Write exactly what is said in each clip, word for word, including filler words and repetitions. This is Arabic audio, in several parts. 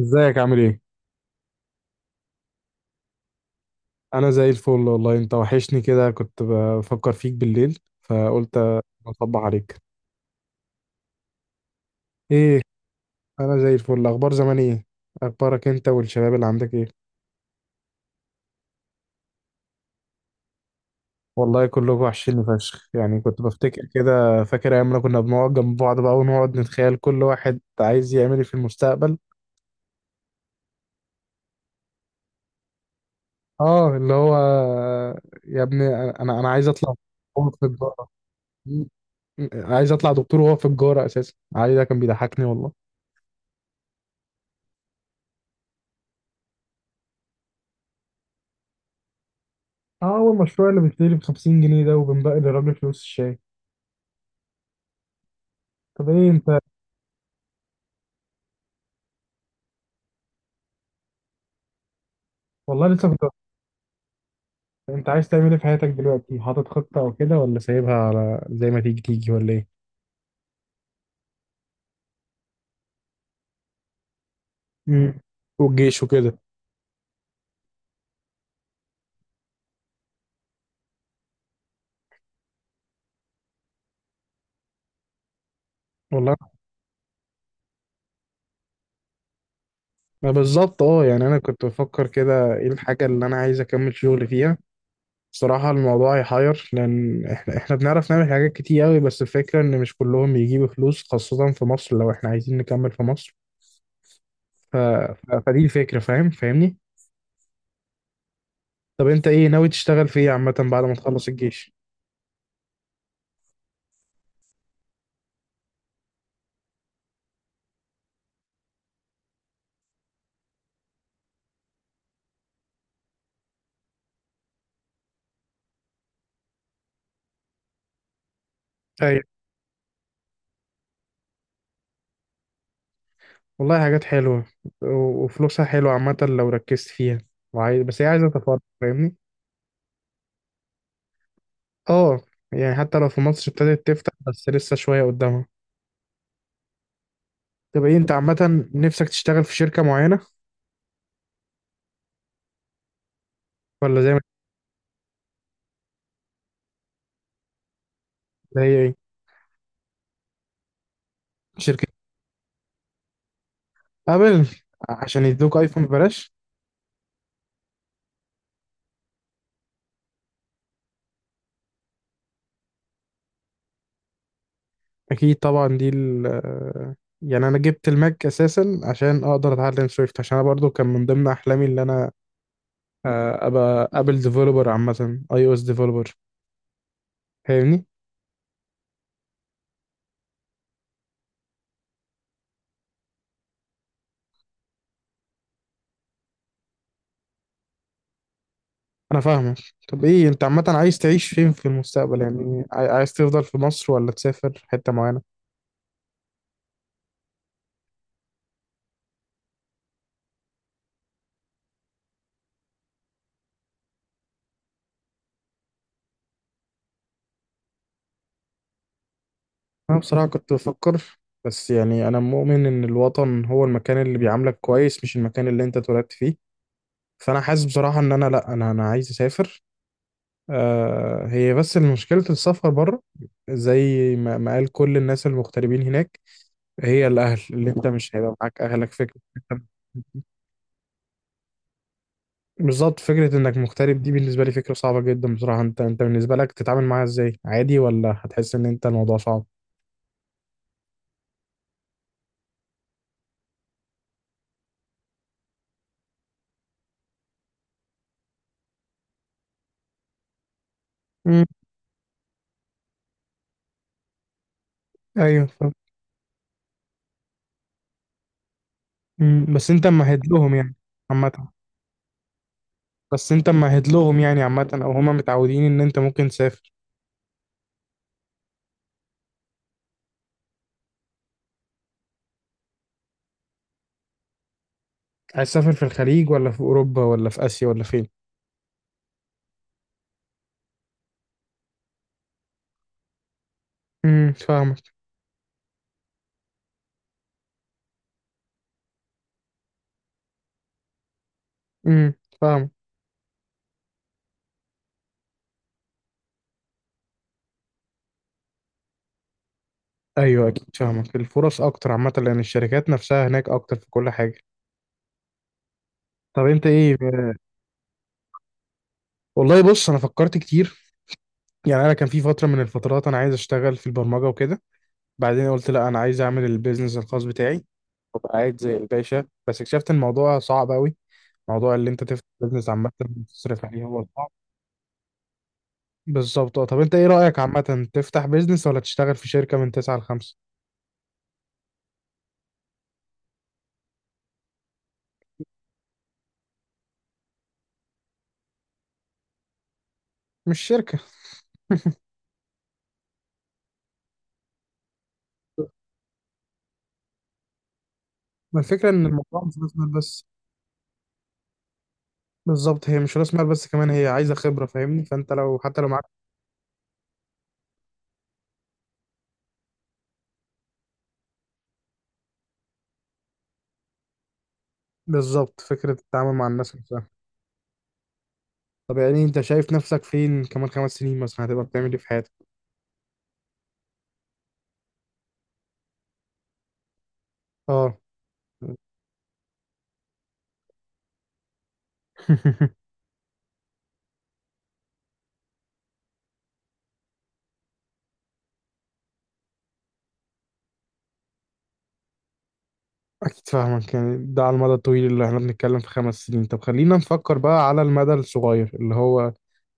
ازيك عامل ايه؟ انا زي الفل والله. انت وحشني كده، كنت بفكر فيك بالليل فقلت اطبع عليك. ايه، انا زي الفل. اخبار زمان ايه؟ اخبارك انت والشباب اللي عندك ايه؟ والله كلكم وحشيني فشخ، يعني كنت بفتكر كده، فاكر ايام ما كنا بنقعد جنب بعض بقى ونقعد نتخيل كل واحد عايز يعمل ايه في المستقبل. اه اللي هو يا ابني انا انا عايز اطلع. هو في التجارة، عايز اطلع دكتور وهو في التجارة اساسا، عايز ده كان بيضحكني والله. اه، هو المشروع اللي بيشتري ب خمسين جنيه ده وبنبقى للراجل فلوس الشاي. طب ايه انت؟ والله لسه كنت. انت عايز تعمل ايه في حياتك دلوقتي، حاطط خطة او كده، ولا سايبها على زي ما تيجي تيجي، ولا ايه؟ امم والجيش وكده. والله، ما بالظبط. اه يعني انا كنت بفكر كده، ايه الحاجة اللي انا عايز اكمل شغل فيها. بصراحة الموضوع يحير، لأن إحنا إحنا بنعرف نعمل حاجات كتير أوي، بس الفكرة إن مش كلهم بيجيبوا فلوس، خاصة في مصر لو إحنا عايزين نكمل في مصر. ف... ف... فدي الفكرة، فاهم، فاهمني؟ طب انت ايه ناوي تشتغل في ايه عامة بعد ما تخلص الجيش؟ ايوه. والله حاجات حلوة، و- وفلوسها حلوة عامة لو ركزت فيها، وعايز، بس هي عايزة تفرغ، فاهمني؟ اه يعني حتى لو في مصر ابتدت تفتح بس لسه شوية قدامها. طب ايه انت عامة، نفسك تشتغل في شركة معينة ولا زي ما. اللي هي ايه؟ شركة. ابل، عشان يدوك ايفون ببلاش؟ اكيد طبعا دي ال. يعني انا جبت الماك اساسا عشان اقدر اتعلم سويفت، عشان انا برضو كان من ضمن احلامي اللي انا آه، ابقى ابل ديفلوبر، عامه اي او اس ديفلوبر، فاهمني. انا فاهمك. طب ايه انت عامه عايز تعيش فين في المستقبل؟ يعني عاي- عايز تفضل في مصر ولا تسافر حته معينه؟ انا بصراحه كنت بفكر، بس يعني انا مؤمن ان الوطن هو المكان اللي بيعاملك كويس مش المكان اللي انت اتولدت فيه. فانا حاسس بصراحه ان انا لا، انا انا عايز اسافر. آه، هي بس مشكله السفر بره، زي ما ما قال كل الناس المغتربين هناك، هي الاهل، اللي انت مش هيبقى معاك اهلك، فكره. بالظبط، فكرة انك مغترب دي بالنسبة لي فكرة صعبة جدا بصراحة. انت انت بالنسبة لك تتعامل معاها ازاي، عادي، ولا هتحس ان انت الموضوع صعب؟ امم. ايوه فاهم. امم، بس انت ممهد لهم يعني عامة. بس انت ممهد لهم يعني عامة، او هما متعودين ان انت ممكن تسافر. عايز تسافر في الخليج ولا في اوروبا ولا في اسيا ولا فين؟ امم، فاهمك. امم، فاهمك. ايوه اكيد فاهمك، الفرص اكتر عامة لان الشركات نفسها هناك اكتر في كل حاجة. طب انت ايه؟ والله بص انا فكرت كتير. يعني انا كان في فترة من الفترات انا عايز اشتغل في البرمجة وكده، بعدين قلت لا انا عايز اعمل البيزنس الخاص بتاعي وابقى قاعد زي الباشا، بس اكتشفت ان الموضوع صعب قوي، موضوع اللي انت تفتح بيزنس عامه وتصرف عليه هو صعب. بالظبط آه. طب انت ايه رايك عامه، تفتح بيزنس ولا تشتغل في شركه من تسعة ل خمسة؟ مش شركه. ما الفكره ان الموضوع مش راس مال بس. بالظبط، هي مش راس مال بس، كمان هي عايزه خبره فاهمني، فانت لو حتى لو معاك. بالظبط، فكره التعامل مع الناس نفسها. طب يعني انت شايف نفسك فين كمان خمس سنين مثلا، هتبقى بتعمل ايه في حياتك؟ اه. أكيد فاهمك، يعني ده على المدى الطويل اللي احنا بنتكلم في خمس سنين. طب خلينا نفكر بقى على المدى الصغير، اللي هو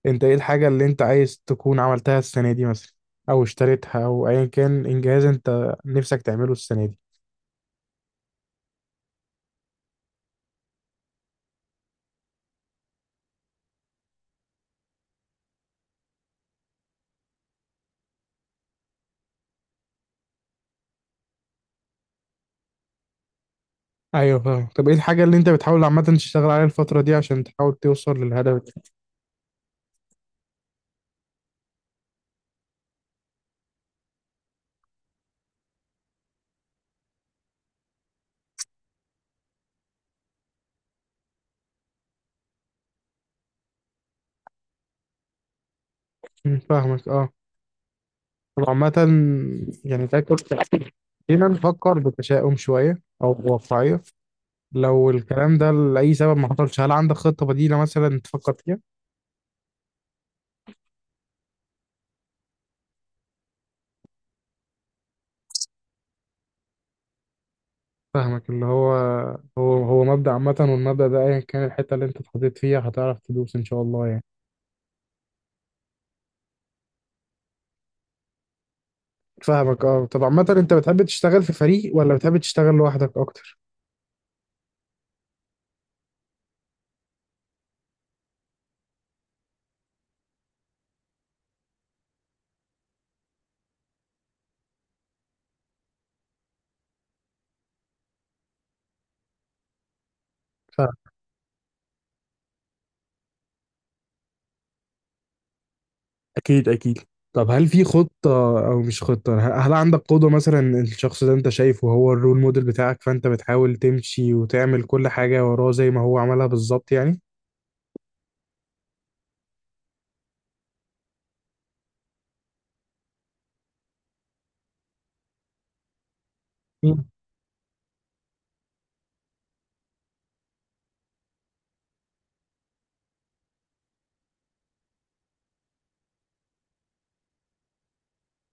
أنت إيه الحاجة اللي أنت عايز تكون عملتها السنة دي مثلا، أو اشتريتها، أو أيا كان إنجاز أنت نفسك تعمله السنة دي. أيوه فاهم. طب إيه الحاجة اللي أنت بتحاول عامة تشتغل عليها الفترة دي عشان تحاول توصل للهدف ده؟ مم، فاهمك أه. طب عامة، يعني تاكل، خلينا نفكر بتشاؤم شوية أو بواقعية، لو الكلام ده لأي سبب ما حصلش، هل عندك خطة بديلة مثلا تفكر فيها؟ فاهمك، اللي هو، هو هو مبدأ عامة، والمبدأ ده أيا كان الحتة اللي أنت اتحطيت فيها هتعرف تدوس إن شاء الله يعني. فاهمك أه. طب عامة أنت بتحب تشتغل في فريق ولا بتحب تشتغل لوحدك أكتر؟ فاهم. اكيد اكيد. طب هل في خطة او مش خطة، ه- هل عندك قدوة مثلا، الشخص ده انت شايفه هو الرول موديل بتاعك، فانت بتحاول تمشي وتعمل كل حاجة وراه زي ما هو عملها بالظبط يعني؟ مم.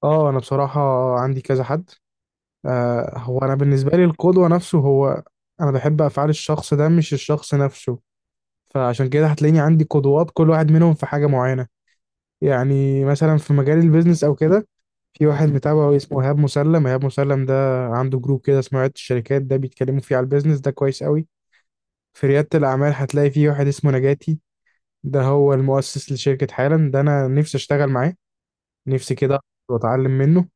أه أنا بصراحة عندي كذا حد. آه هو انا بالنسبه لي القدوه نفسه، هو انا بحب افعال الشخص ده مش الشخص نفسه، فعشان كده هتلاقيني عندي قدوات، كل واحد منهم في حاجه معينه. يعني مثلا في مجال البيزنس او كده في واحد متابعه اسمه ايهاب مسلم. ايهاب مسلم ده عنده جروب كده اسمه عيادة الشركات، ده بيتكلموا فيه على البيزنس ده كويس قوي. في رياده الاعمال هتلاقي فيه واحد اسمه نجاتي، ده هو المؤسس لشركه حالا، ده انا نفسي اشتغل معاه نفسي كده واتعلم منه.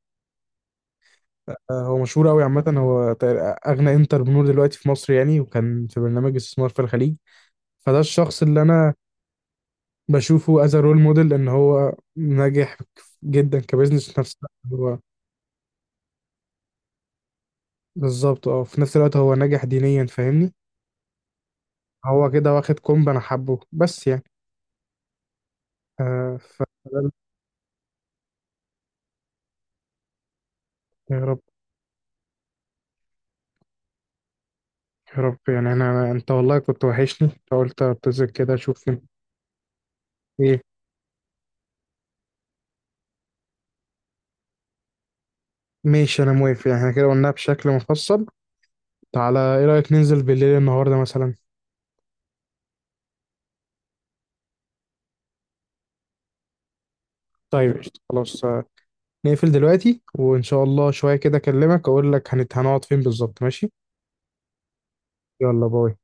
آه، هو مشهور قوي عامة، هو تق- أغنى انتربرنور دلوقتي في مصر يعني، وكان في برنامج استثمار في الخليج. فده الشخص اللي أنا بشوفه از رول موديل، إن هو ناجح جدا كبزنس، في نفس الوقت هو، بالظبط اه، في نفس الوقت هو ناجح دينيا فاهمني، هو كده واخد كومب، أنا حبه بس يعني آه ف يا رب. يا رب يعني، أنا أنت والله كنت وحشني فقلت أتصل كده أشوف. إيه؟ ماشي، أنا موافق، يعني احنا كده قلناها بشكل مفصل. تعالى إيه رأيك ننزل بالليل النهاردة مثلا؟ طيب قشطة. خلاص آه، نقفل دلوقتي وإن شاء الله شوية كده أكلمك أقول لك هنت- هنقعد فين بالظبط. ماشي. يلا باي.